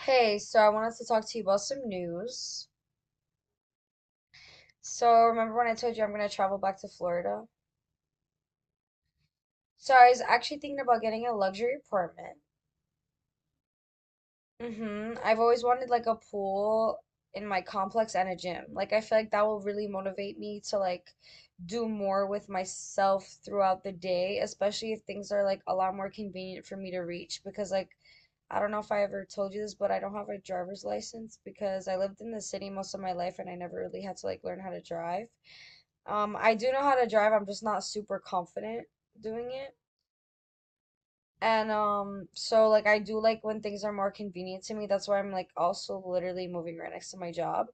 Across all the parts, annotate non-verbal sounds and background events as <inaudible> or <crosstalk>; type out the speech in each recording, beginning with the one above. Hey, so I wanted to talk to you about some news. So, remember when I told you I'm gonna travel back to Florida? So, I was actually thinking about getting a luxury apartment. Mm-hmm. I've always wanted like a pool in my complex and a gym. Like, I feel like that will really motivate me to like do more with myself throughout the day, especially if things are like a lot more convenient for me to reach. Because, like, I don't know if I ever told you this, but I don't have a driver's license because I lived in the city most of my life and I never really had to like learn how to drive. I do know how to drive, I'm just not super confident doing it. And so like I do like when things are more convenient to me. That's why I'm like also literally moving right next to my job.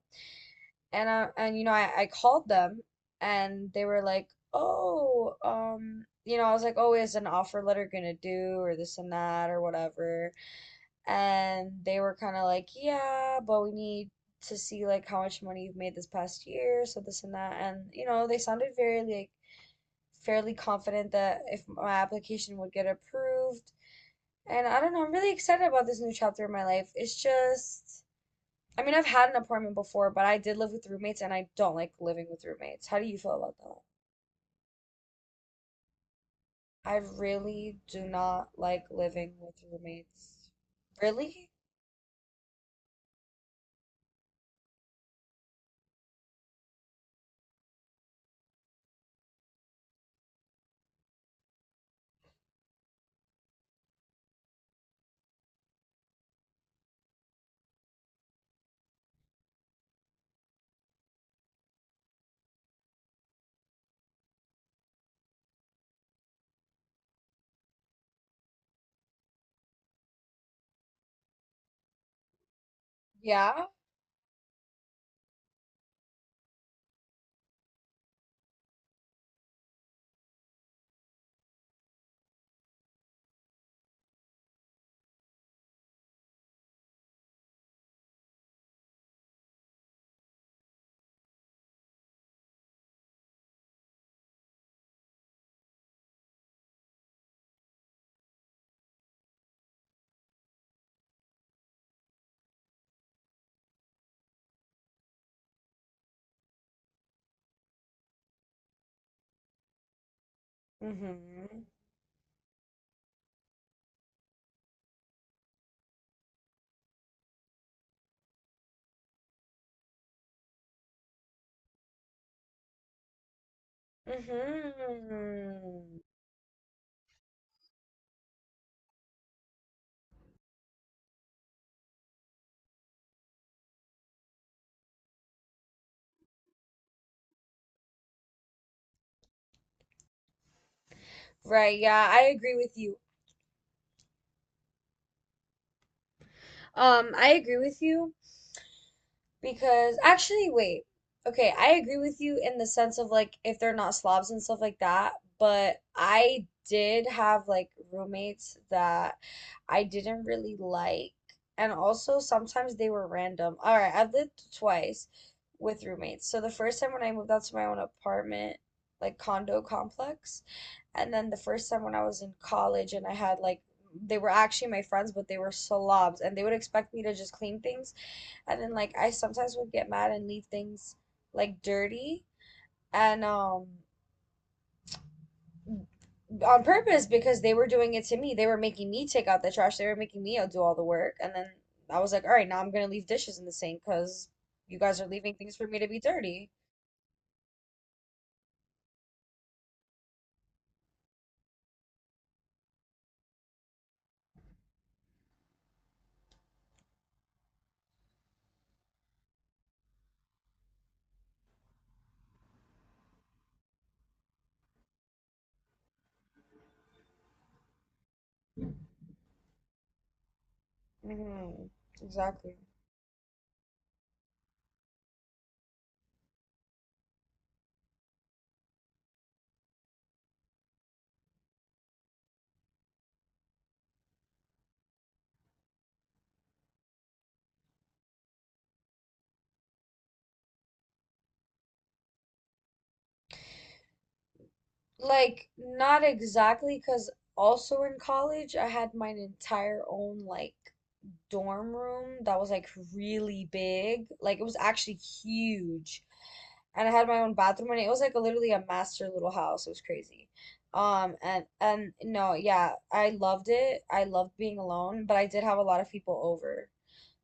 And you know, I called them and they were like, "Oh, you know, I was like, "Oh, is an offer letter gonna do or this and that or whatever." And they were kind of like, "Yeah, but we need to see like how much money you've made this past year, so this and that." And you know, they sounded very like fairly confident that if my application would get approved. And I don't know, I'm really excited about this new chapter in my life. It's just, I mean, I've had an apartment before, but I did live with roommates and I don't like living with roommates. How do you feel about that? I really do not like living with roommates. Really? Yeah? Mm-hmm. Mm-hmm. Right, yeah, I agree with you. I agree with you. Because actually, wait. Okay, I agree with you in the sense of like if they're not slobs and stuff like that, but I did have like roommates that I didn't really like. And also sometimes they were random. All right, I've lived twice with roommates. So the first time when I moved out to my own apartment, like condo complex, and then the first time when I was in college and I had like they were actually my friends, but they were slobs and they would expect me to just clean things and then like I sometimes would get mad and leave things like dirty and on purpose because they were doing it to me. They were making me take out the trash. They were making me do all the work. And then I was like, all right, now I'm gonna leave dishes in the sink because you guys are leaving things for me to be dirty. Mhm. Exactly. Like not exactly because also in college I had my entire own like dorm room that was like really big. Like it was actually huge. And I had my own bathroom and it was like a, literally a master little house. It was crazy. And no, yeah, I loved it. I loved being alone, but I did have a lot of people over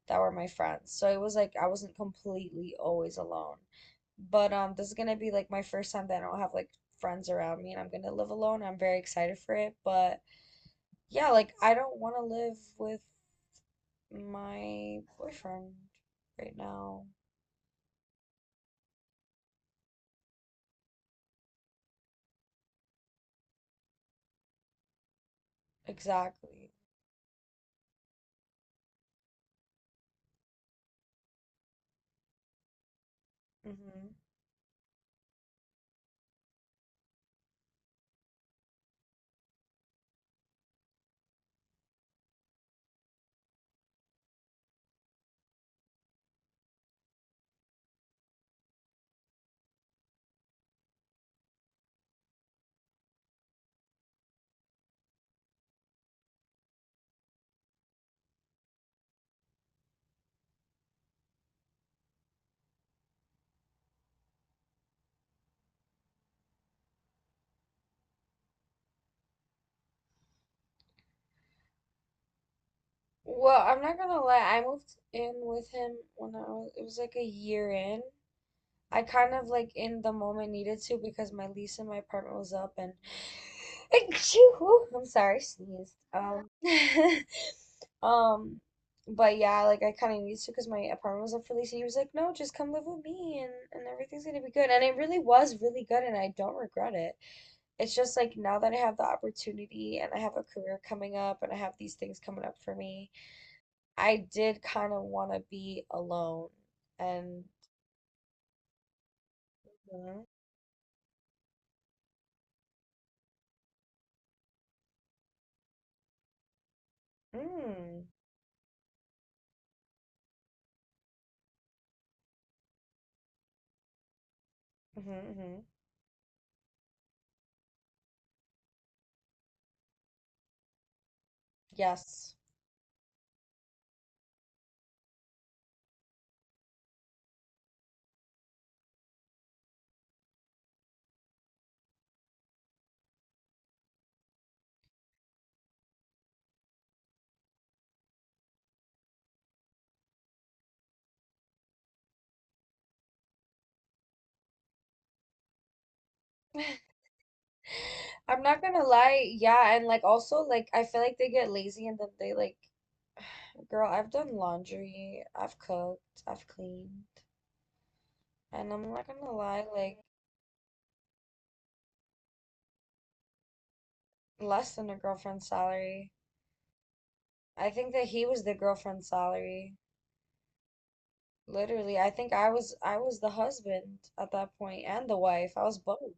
that were my friends. So it was like I wasn't completely always alone. But this is gonna be like my first time that I don't have like friends around me and I'm gonna live alone. I'm very excited for it, but yeah, like I don't want to live with my boyfriend right now. Exactly. Hmm. Well, I'm not gonna lie, I moved in with him when I was, it was like a year in. I kind of like in the moment needed to because my lease in my apartment was up and <laughs> <sighs> Achoo! I'm sorry, sneezed. <laughs> Um, but yeah, like I kind of needed to because my apartment was up for lease and he was like, no, just come live with me, and everything's gonna be good. And it really was really good and I don't regret it. It's just like now that I have the opportunity and I have a career coming up and I have these things coming up for me. I did kind of want to be alone and Mhm. Mm. Hmm. Hmm. Yes. <laughs> I'm not gonna lie, yeah, and like also like I feel like they get lazy and then they like, girl, I've done laundry, I've cooked, I've cleaned, and I'm not gonna lie, like less than a girlfriend's salary. I think that he was the girlfriend's salary. Literally, I think I was the husband at that point and the wife. I was both.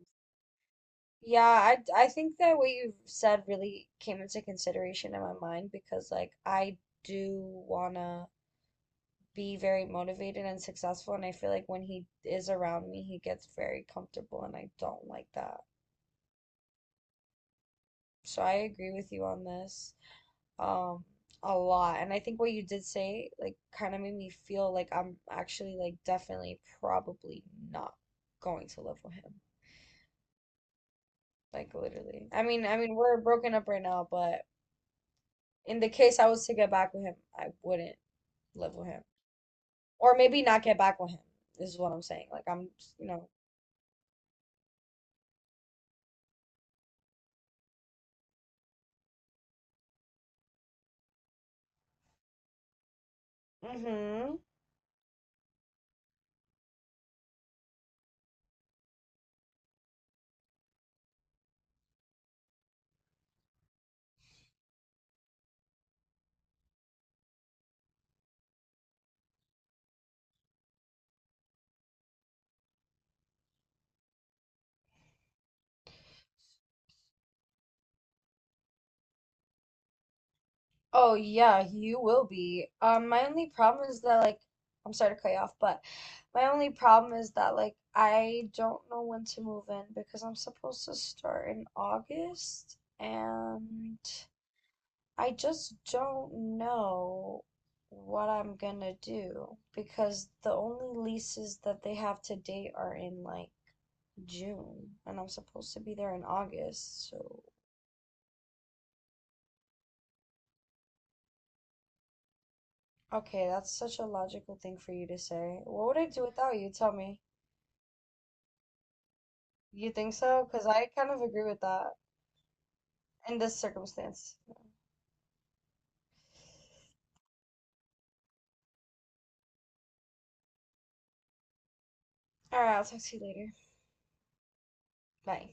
Yeah, I think that what you've said really came into consideration in my mind because like I do wanna be very motivated and successful and I feel like when he is around me he gets very comfortable and I don't like that. So I agree with you on this um a lot and I think what you did say like kind of made me feel like I'm actually like definitely probably not going to live with him. Like literally. I mean we're broken up right now, but in the case I was to get back with him, I wouldn't live with him. Or maybe not get back with him, is what I'm saying. Like I'm, you know. Mm-hmm. Oh yeah, you will be. My only problem is that like I'm sorry to cut you off, but my only problem is that like I don't know when to move in because I'm supposed to start in August and I just don't know what I'm gonna do because the only leases that they have to date are in like June and I'm supposed to be there in August. So, okay, that's such a logical thing for you to say. What would I do without you? Tell me. You think so? Because I kind of agree with that in this circumstance. All right, I'll talk to you later. Bye.